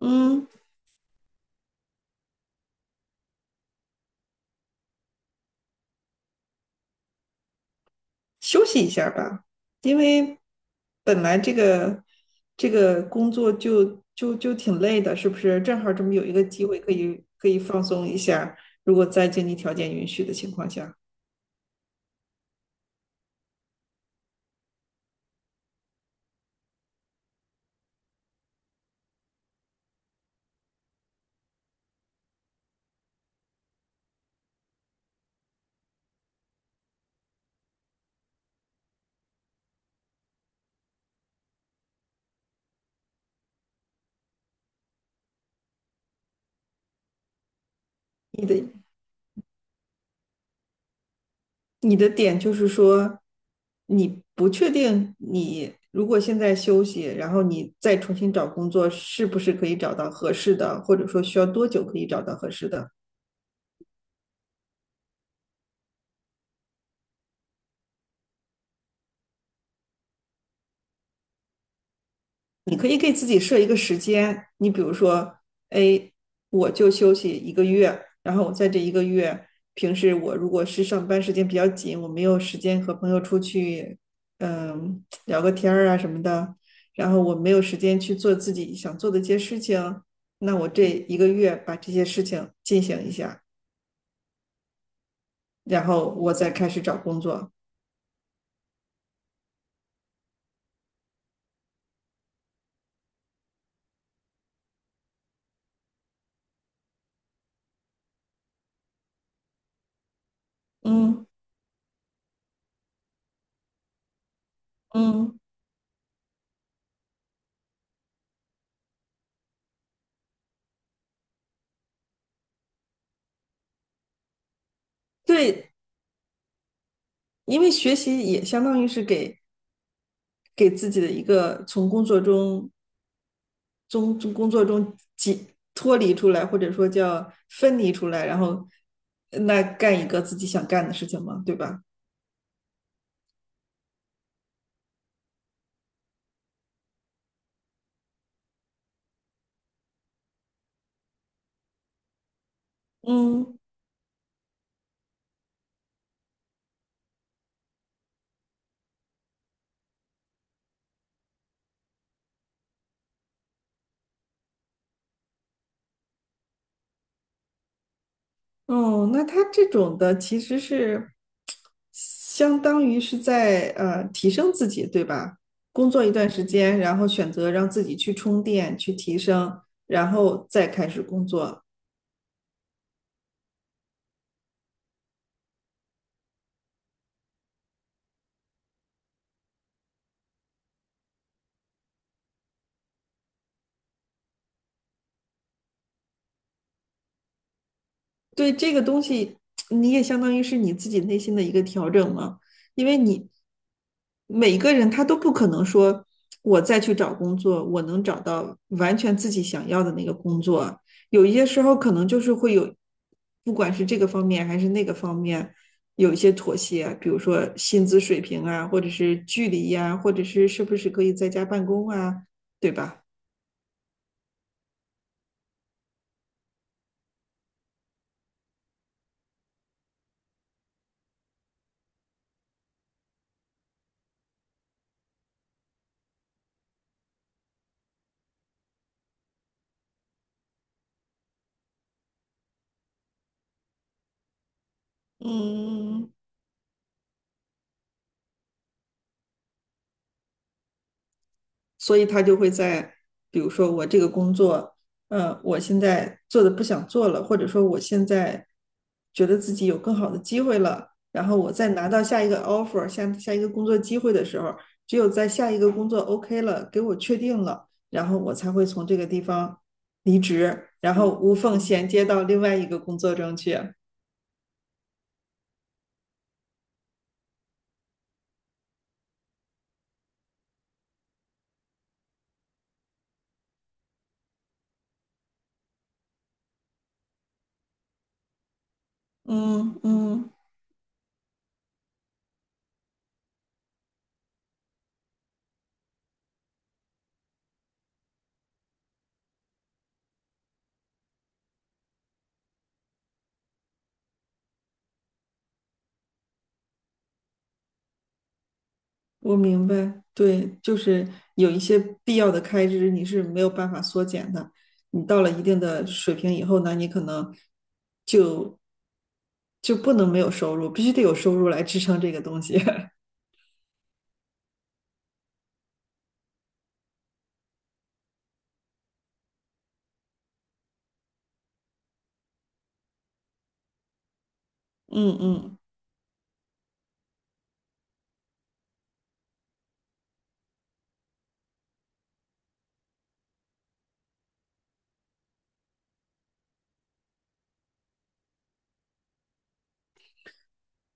嗯，休息一下吧。因为本来这个工作就挺累的，是不是？正好这么有一个机会可以放松一下，如果在经济条件允许的情况下。你的你的点就是说，你不确定你如果现在休息，然后你再重新找工作，是不是可以找到合适的，或者说需要多久可以找到合适的？你可以给自己设一个时间，你比如说，哎，我就休息一个月，然后我在这一个月，平时我如果是上班时间比较紧，我没有时间和朋友出去，聊个天儿啊什么的，然后我没有时间去做自己想做的一些事情，那我这一个月把这些事情进行一下，然后我再开始找工作。嗯。嗯，对，因为学习也相当于是给自己的一个从工作中从工作中解脱离出来，或者说叫分离出来，然后那干一个自己想干的事情嘛，对吧？嗯。哦，那他这种的其实是相当于是在提升自己，对吧？工作一段时间，然后选择让自己去充电、去提升，然后再开始工作。对这个东西，你也相当于是你自己内心的一个调整嘛。因为你每个人他都不可能说，我再去找工作，我能找到完全自己想要的那个工作。有一些时候可能就是会有，不管是这个方面还是那个方面，有一些妥协，比如说薪资水平啊，或者是距离呀、或者是是不是可以在家办公啊，对吧？嗯。所以他就会在，比如说我这个工作，我现在做的不想做了，或者说我现在觉得自己有更好的机会了，然后我再拿到下一个 offer，下一个工作机会的时候，只有在下一个工作 OK 了，给我确定了，然后我才会从这个地方离职，然后无缝衔接到另外一个工作中去。嗯嗯。我明白，对，就是有一些必要的开支你是没有办法缩减的。你到了一定的水平以后呢，你可能就就不能没有收入，必须得有收入来支撑这个东西。嗯嗯，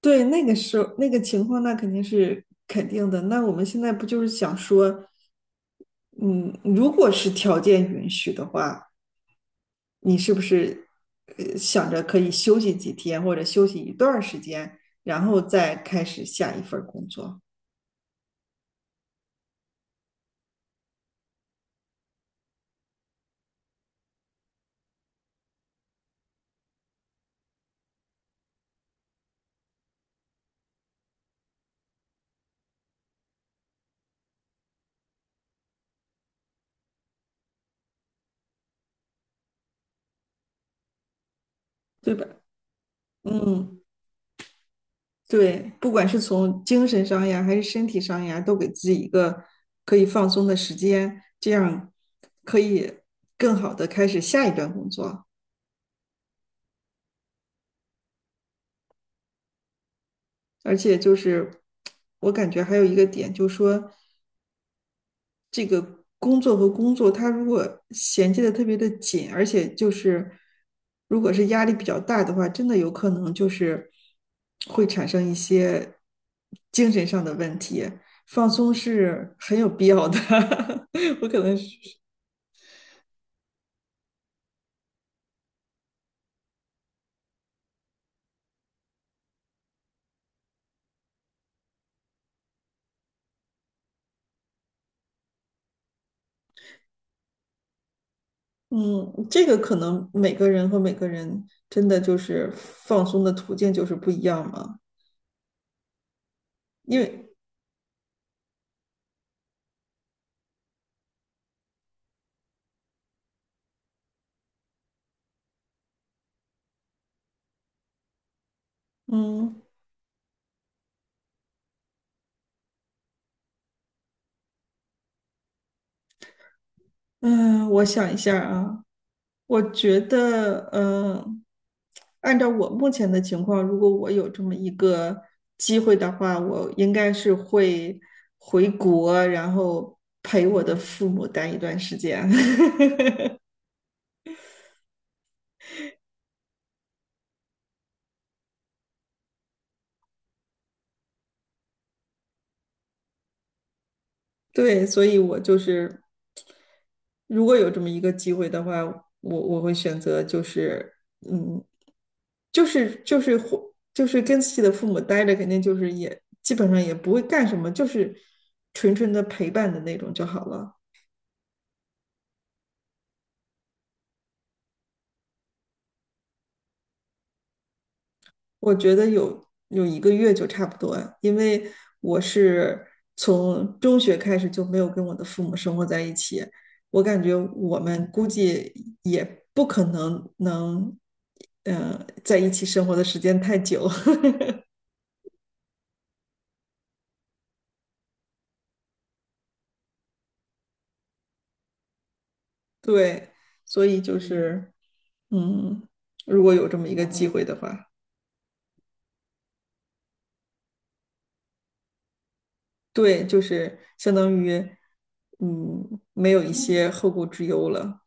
对，那个时候那个情况，那肯定是肯定的。那我们现在不就是想说，嗯，如果是条件允许的话，你是不是想着可以休息几天或者休息一段时间，然后再开始下一份工作，对吧？嗯，对，不管是从精神上呀，还是身体上呀，都给自己一个可以放松的时间，这样可以更好的开始下一段工作。而且就是我感觉还有一个点，就是说这个工作和工作，它如果衔接的特别的紧，而且就是如果是压力比较大的话，真的有可能就是会产生一些精神上的问题。放松是很有必要的。 我可能是，嗯，这个可能每个人和每个人真的就是放松的途径就是不一样嘛。因为，嗯。嗯，我想一下啊。我觉得，嗯，按照我目前的情况，如果我有这么一个机会的话，我应该是会回国，然后陪我的父母待一段时间。对，所以我就是，如果有这么一个机会的话，我会选择就是，嗯，就是或就是跟自己的父母待着，肯定就是也基本上也不会干什么，就是纯纯的陪伴的那种就好了。我觉得有一个月就差不多，因为我是从中学开始就没有跟我的父母生活在一起，我感觉我们估计也不可能能，嗯，在一起生活的时间太久。对，所以就是，嗯，如果有这么一个机会的话，对，就是相当于，嗯，没有一些后顾之忧了。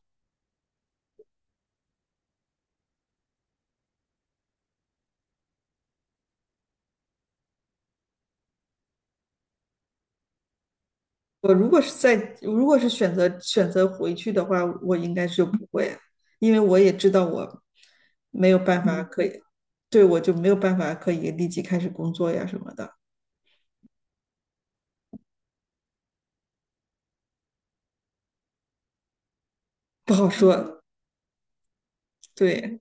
我如果是在，如果是选择回去的话，我应该是不会，因为我也知道我没有办法可以，对，我就没有办法可以立即开始工作呀什么的，不好说。对。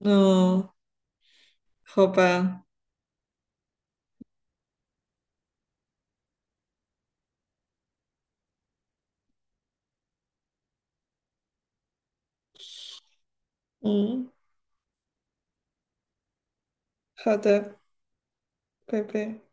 嗯，好吧。嗯，好的，拜拜。